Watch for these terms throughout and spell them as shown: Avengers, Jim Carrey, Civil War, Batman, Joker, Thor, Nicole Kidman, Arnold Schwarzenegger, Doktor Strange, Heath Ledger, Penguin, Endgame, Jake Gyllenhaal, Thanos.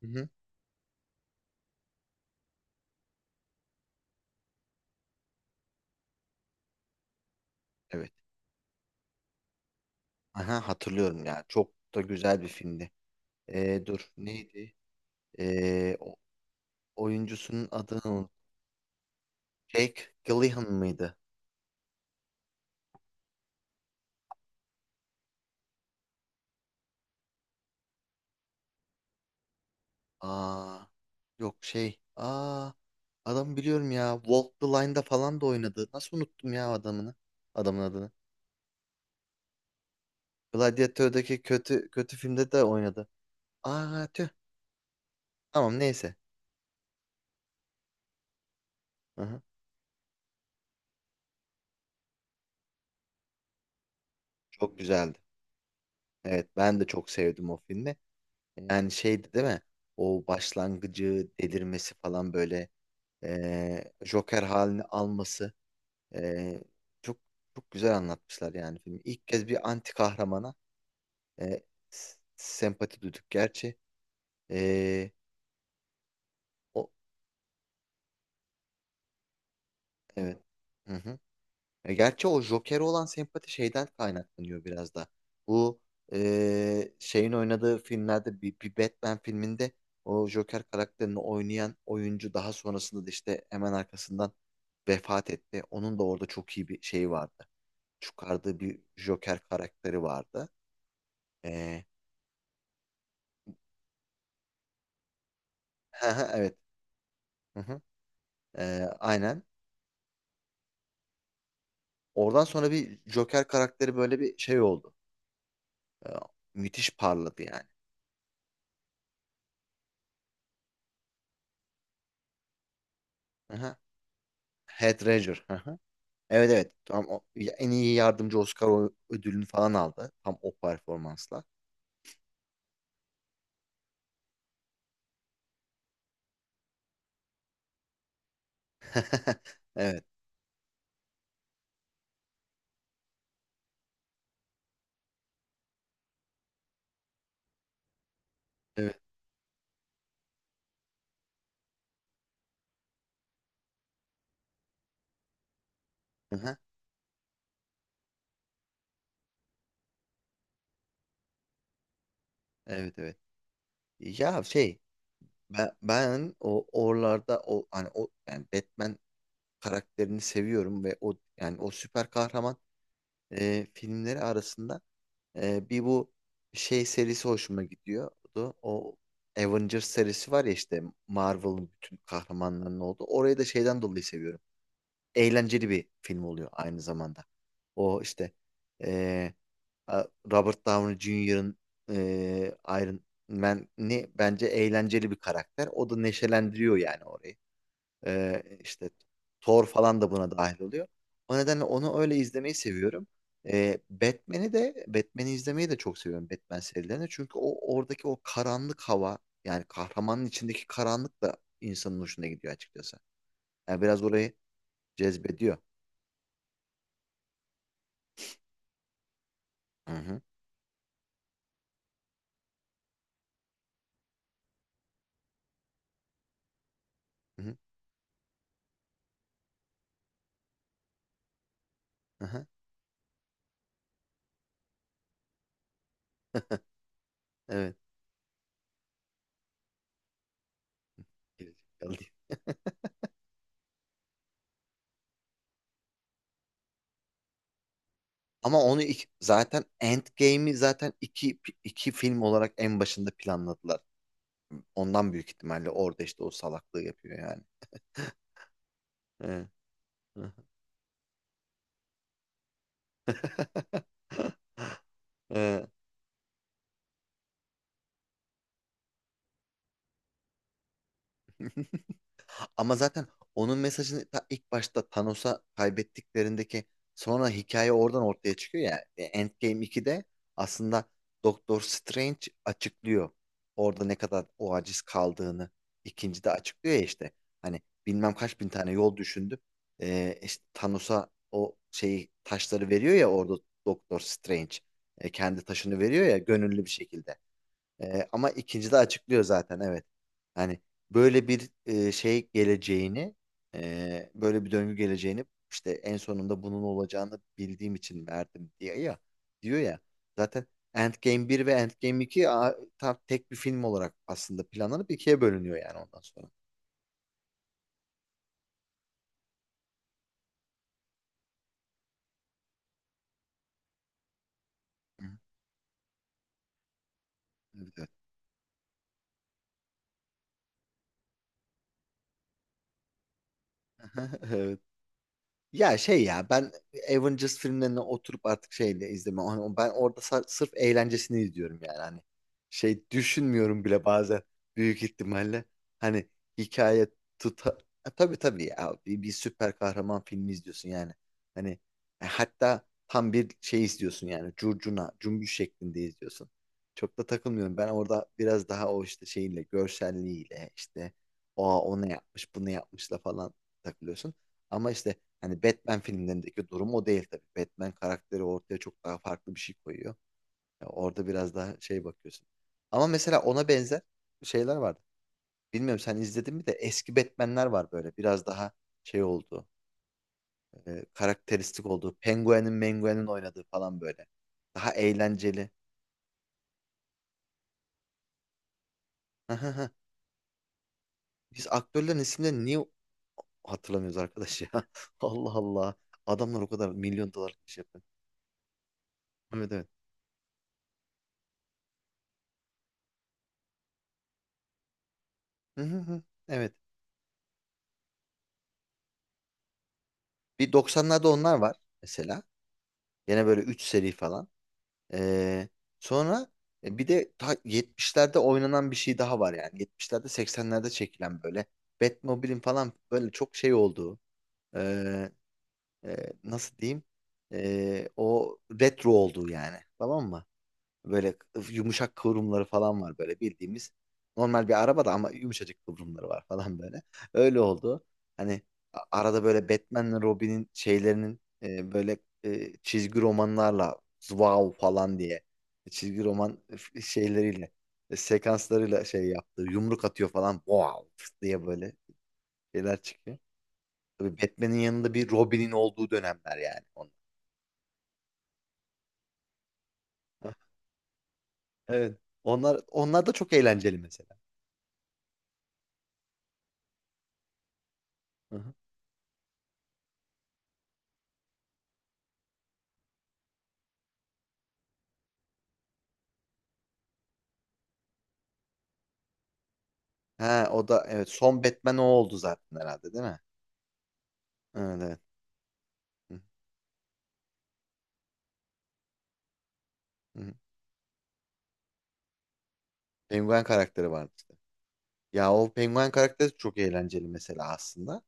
Hı hı. Evet. Aha, hatırlıyorum ya. Çok da güzel bir filmdi. Dur neydi? Ee, o- oyuncusunun adını unut- Jake Gyllenhaal mıydı? Aa, yok şey. Aa, adamı biliyorum ya. Walk the Line'da falan da oynadı. Nasıl unuttum ya adamını? Adamın adını. Gladiator'daki kötü kötü filmde de oynadı. Aa, tüh. Tamam neyse. Aha, çok güzeldi. Evet ben de çok sevdim o filmi. Yani şeydi değil mi? O başlangıcı delirmesi falan böyle Joker halini alması eee, çok çok güzel anlatmışlar yani filmi. İlk kez bir anti kahramana eee, sempati duyduk. Gerçi eee, o evet. Hı hı. Gerçi o Joker'e olan sempati şeyden kaynaklanıyor biraz da. Bu şeyin oynadığı filmlerde bir Batman filminde o Joker karakterini oynayan oyuncu daha sonrasında da işte hemen arkasından vefat etti. Onun da orada çok iyi bir şeyi vardı. Çıkardığı bir Joker karakteri vardı. E, evet. Hı hı. E, aynen. Oradan sonra bir Joker karakteri böyle bir şey oldu. E, müthiş parladı yani. Hı hı. Heath Ledger. Evet evet. En iyi yardımcı Oscar ödülünü falan aldı. Tam o performansla. Evet, evet. Aha, evet, evet. Ya şey ben o oralarda o hani o yani Batman karakterini seviyorum ve o yani o süper kahraman filmleri arasında bir bu şey serisi hoşuma gidiyordu. O Avengers serisi var ya işte Marvel'ın bütün kahramanlarının olduğu. Orayı da şeyden dolayı seviyorum. Eğlenceli bir film oluyor aynı zamanda. O işte eee, a- Robert Downey Jr.'ın Iron Man'i bence eğlenceli bir karakter. O da neşelendiriyor yani orayı. İşte Thor falan da buna dahil oluyor. O nedenle onu öyle izlemeyi seviyorum. Batman'i izlemeyi de çok seviyorum Batman serilerini. Çünkü o oradaki o karanlık hava yani kahramanın içindeki karanlık da insanın hoşuna gidiyor açıkçası. Yani biraz orayı cezbediyor. Hı hı. Hı hı. Aha. Evet. Gelecek kaldı. Ama zaten Endgame'i zaten iki film olarak en başında planladılar. Ondan büyük ihtimalle orada işte o salaklığı yapıyor yani. Evet. Evet. Ama zaten onun mesajını ta ilk başta Thanos'a kaybettiklerindeki sonra hikaye oradan ortaya çıkıyor ya. Endgame 2'de aslında Doktor Strange açıklıyor. Orada ne kadar o aciz kaldığını ikinci de açıklıyor ya işte. Hani bilmem kaç bin tane yol düşündüm. İşte Thanos'a o şeyi taşları veriyor ya orada Doktor Strange. Kendi taşını veriyor ya gönüllü bir şekilde. Ama ikinci de açıklıyor zaten evet. Hani böyle bir şey geleceğini, böyle bir döngü geleceğini işte en sonunda bunun olacağını bildiğim için verdim diye ya diyor ya. Zaten Endgame bir ve Endgame 2 tam tek bir film olarak aslında planlanıp ikiye bölünüyor yani ondan sonra. Hı. Evet. Ya şey ya ben Avengers filmlerini oturup artık şeyle izleme. Hani ben orada sırf eğlencesini izliyorum yani hani. Şey düşünmüyorum bile bazen büyük ihtimalle. Hani hikaye tuta... Ha, tabii tabii ya bir süper kahraman filmi izliyorsun yani. Hani hatta tam bir şey izliyorsun yani curcuna, cümbüş şeklinde izliyorsun. Çok da takılmıyorum. Ben orada biraz daha o işte şeyle, görselliğiyle işte o onu yapmış, bunu yapmışla falan takılıyorsun. Ama işte hani Batman filmlerindeki durum o değil tabii. Batman karakteri ortaya çok daha farklı bir şey koyuyor. Ya orada biraz daha şey bakıyorsun. Ama mesela ona benzer şeyler vardı. Bilmiyorum sen izledin mi de eski Batman'ler var böyle. Biraz daha şey oldu, karakteristik olduğu. Penguin'in Menguin'in oynadığı falan böyle. Daha eğlenceli. Biz aktörlerin isimlerini niye hatırlamıyoruz arkadaş ya? Allah Allah. Adamlar o kadar milyon dolarlık iş yapıyor. Evet evet. Hı hı hı. Evet. Bir 90'larda onlar var mesela. Gene böyle 3 seri falan. Ee, sonra bir de ta 70'lerde oynanan bir şey daha var yani. 70'lerde 80'lerde çekilen böyle Batmobile'in falan böyle çok şey olduğu ee, nasıl diyeyim. O retro olduğu yani. Tamam mı? Böyle yumuşak kıvrımları falan var böyle bildiğimiz. Normal bir araba da ama yumuşacık kıvrımları var falan böyle. Öyle oldu. Hani arada böyle Batman'le Robin'in şeylerinin böyle çizgi romanlarla wow falan diye çizgi roman şeyleriyle sekanslarıyla şey yaptığı yumruk atıyor falan wow diye böyle şeyler çıkıyor. Tabii Batman'in yanında bir Robin'in olduğu dönemler yani onlar. Evet. Onlar da çok eğlenceli mesela. Ha o da evet son Batman o oldu zaten herhalde değil mi? Evet. Evet. Hı, hı. Penguen karakteri vardı işte. Ya o penguen karakteri çok eğlenceli mesela aslında.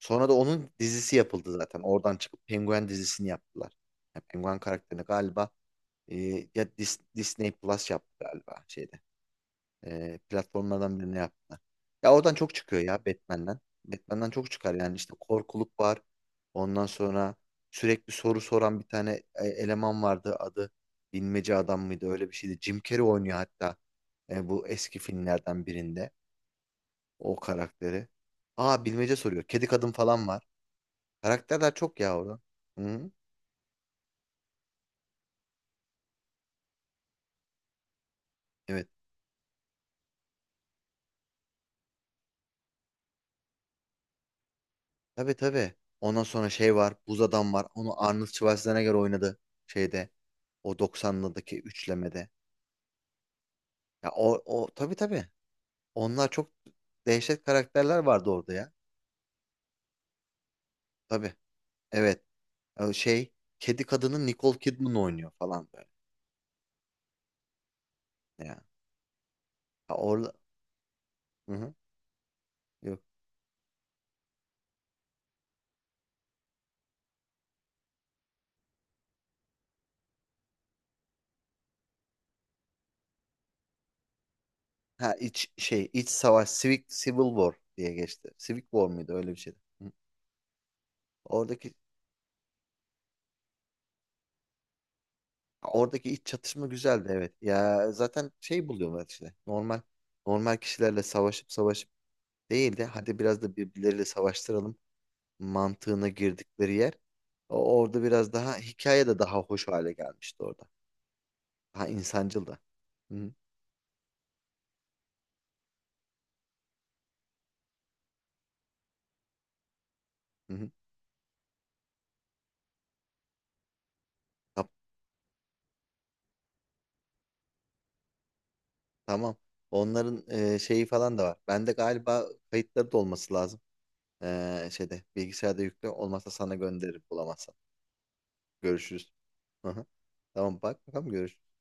Sonra da onun dizisi yapıldı zaten. Oradan çıkıp penguen dizisini yaptılar. Ya penguen karakterini galiba e, ya Disney Plus yaptı galiba şeyde. Platformlardan birine yaptılar. Ya oradan çok çıkıyor ya Batman'den. Batman'den çok çıkar yani işte korkuluk var. Ondan sonra sürekli soru soran bir tane eleman vardı. Adı bilmece adam mıydı öyle bir şeydi. Jim Carrey oynuyor hatta bu eski filmlerden birinde o karakteri. Aa bilmece soruyor. Kedi kadın falan var. Karakterler çok ya orada. Hı? Evet. Tabii tabii. Ondan sonra şey var. Buz adam var. Onu Arnold Schwarzenegger oynadı şeyde. O 90'lardaki üçlemede. Ya o tabii tabii. Onlar çok dehşet karakterler vardı orada ya. Tabii. Evet. Ya şey kedi kadını Nicole Kidman oynuyor falan böyle. Ya. Ha, orada. Hı hı. Yok. Ha iç şey iç savaş Civil War diye geçti. Civic War mıydı öyle bir şeydi. Hı. Oradaki oradaki iç çatışma güzeldi evet. Ya zaten şey buluyorlar işte. Normal kişilerle savaşıp savaşıp değil de hadi biraz da birbirleriyle savaştıralım. Mantığına girdikleri yer. Orada biraz daha hikaye de daha hoş hale gelmişti orada. Daha insancıl da. Hı hı. Hı. Tamam. Onların şeyi falan da var. Bende galiba kayıtları da olması lazım. Şeyde bilgisayarda yüklü. Olmazsa sana gönderirim bulamazsan. Görüşürüz. Hı hı. Tamam bak bakalım görüşürüz.